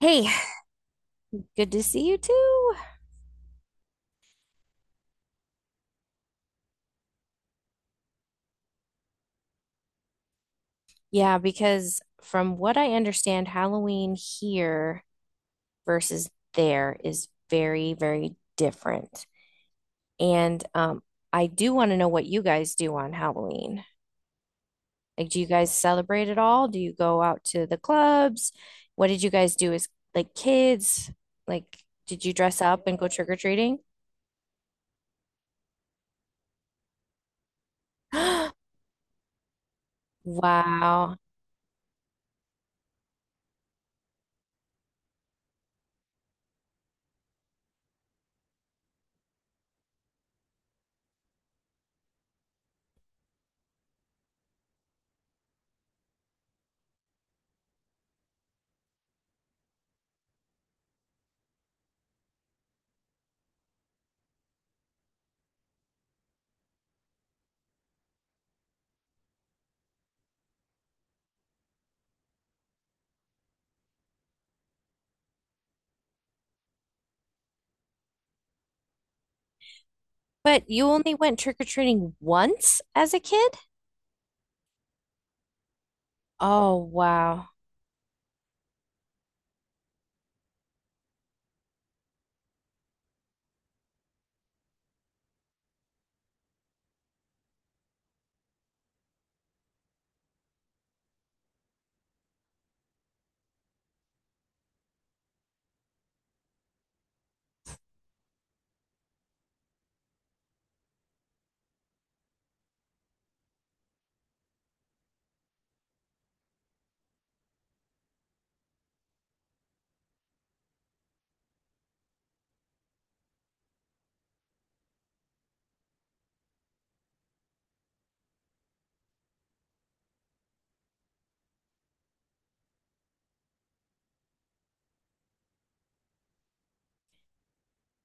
Hey, good to see you too. Yeah, because from what I understand, Halloween here versus there is very, very different. And I do want to know what you guys do on Halloween. Like, do you guys celebrate at all? Do you go out to the clubs? What did you guys do as like kids? Like, did you dress up and go trick-or-treating? Wow. But you only went trick-or-treating once as a kid? Oh, wow.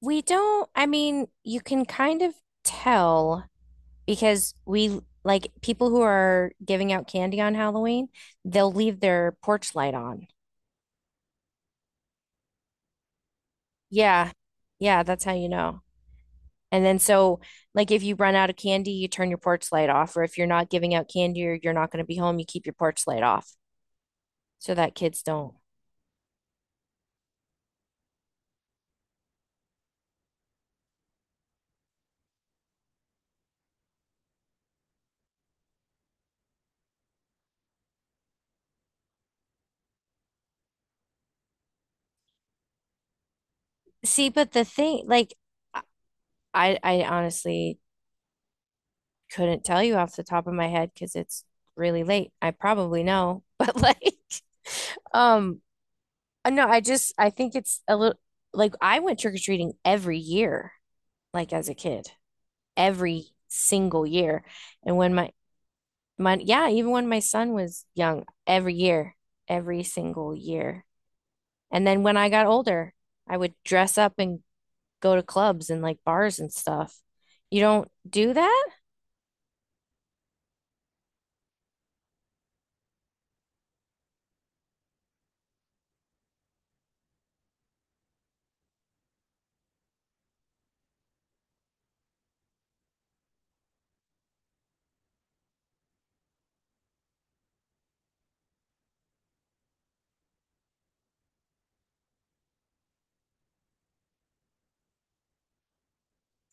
We don't, I mean, you can kind of tell because we like people who are giving out candy on Halloween, they'll leave their porch light on. Yeah. Yeah, that's how you know. And then so like if you run out of candy, you turn your porch light off, or if you're not giving out candy or you're not going to be home, you keep your porch light off so that kids don't. See, but the thing like I honestly couldn't tell you off the top of my head because it's really late. I probably know, but like, um, no, I think it's a little like I went trick-or-treating every year, like as a kid, every single year. And when my yeah, even when my son was young, every year, every single year. And then when I got older, I would dress up and go to clubs and like bars and stuff. You don't do that?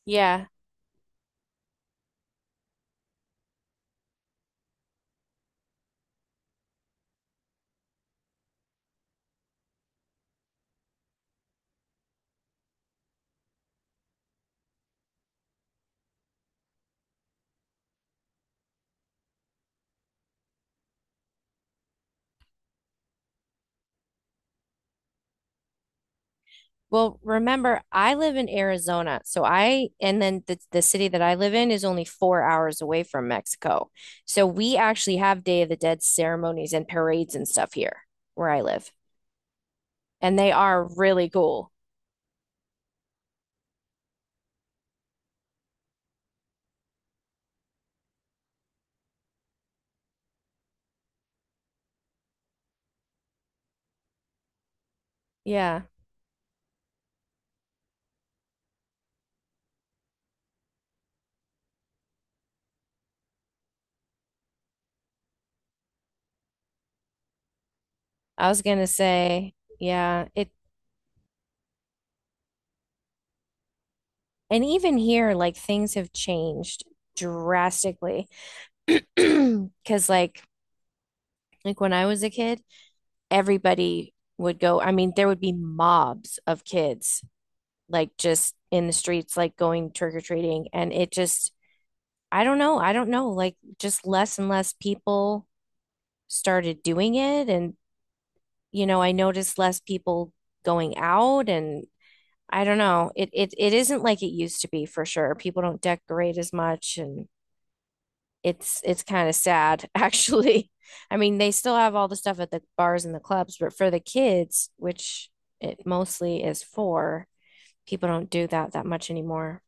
Yeah. Well, remember, I live in Arizona, so I and then the city that I live in is only 4 hours away from Mexico. So we actually have Day of the Dead ceremonies and parades and stuff here where I live, and they are really cool. Yeah, I was gonna say, yeah, it and even here, like things have changed drastically because like when I was a kid, everybody would go, I mean, there would be mobs of kids like just in the streets, like going trick or treating. And it just, I don't know. I don't know. Like just less and less people started doing it. And, you know, I noticed less people going out and I don't know. It isn't like it used to be for sure. People don't decorate as much and it's kind of sad actually. I mean, they still have all the stuff at the bars and the clubs, but for the kids, which it mostly is for, people don't do that that much anymore.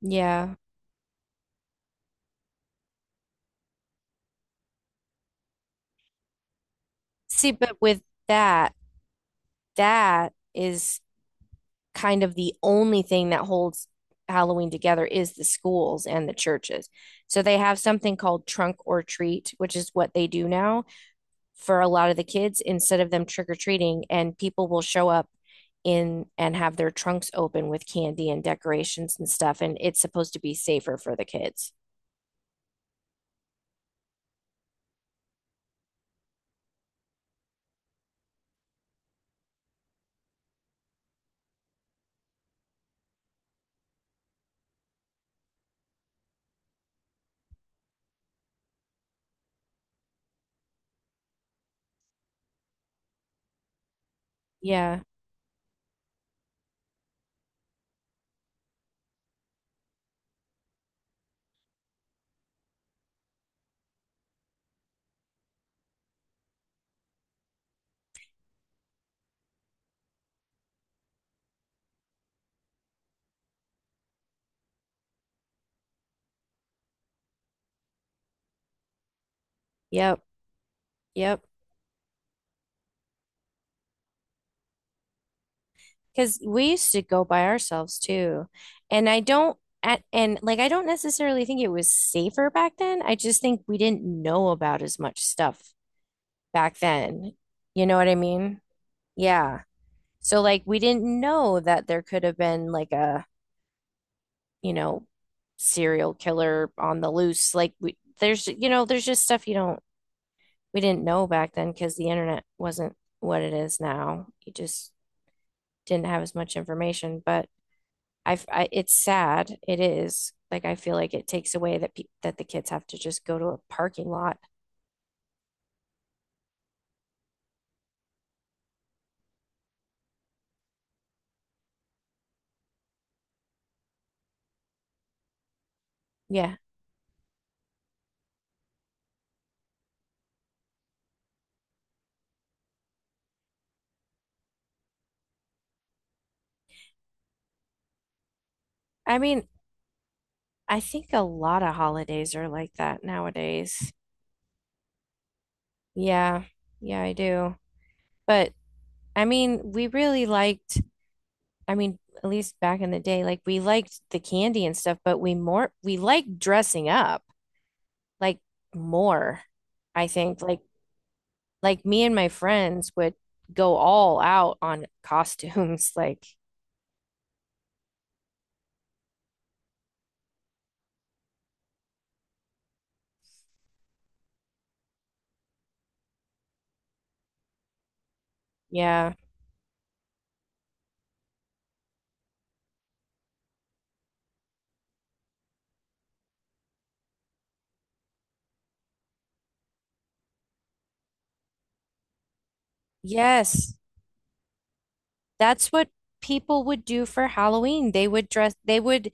Yeah. See, but with that, that is kind of the only thing that holds Halloween together is the schools and the churches. So they have something called trunk or treat, which is what they do now for a lot of the kids instead of them trick or treating, and people will show up in and have their trunks open with candy and decorations and stuff, and it's supposed to be safer for the kids. Yeah. Yep. Yep. Because we used to go by ourselves too. And I don't, at, and like, I don't necessarily think it was safer back then. I just think we didn't know about as much stuff back then. You know what I mean? Yeah. So, like, we didn't know that there could have been like a, you know, serial killer on the loose. Like, we, there's, you know, there's just stuff you don't, we didn't know back then because the internet wasn't what it is now. You just didn't have as much information. But, I've, I, it's sad. It is. Like I feel like it takes away that pe that the kids have to just go to a parking lot. Yeah. I mean, I think a lot of holidays are like that nowadays. Yeah. Yeah, I do. But I mean, we really liked, I mean, at least back in the day, like we liked the candy and stuff, but we more we liked dressing up like more, I think. Like me and my friends would go all out on costumes. Like, yeah. Yes, that's what people would do for Halloween. They would dress, they would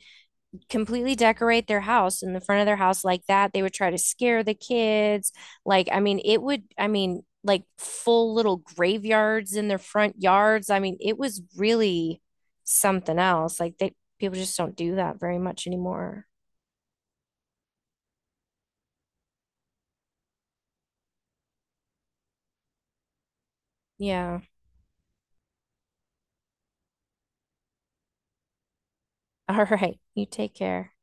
completely decorate their house in the front of their house like that. They would try to scare the kids. Like, I mean, it would, I mean, like full little graveyards in their front yards. I mean, it was really something else. Like, they people just don't do that very much anymore. Yeah. All right. You take care.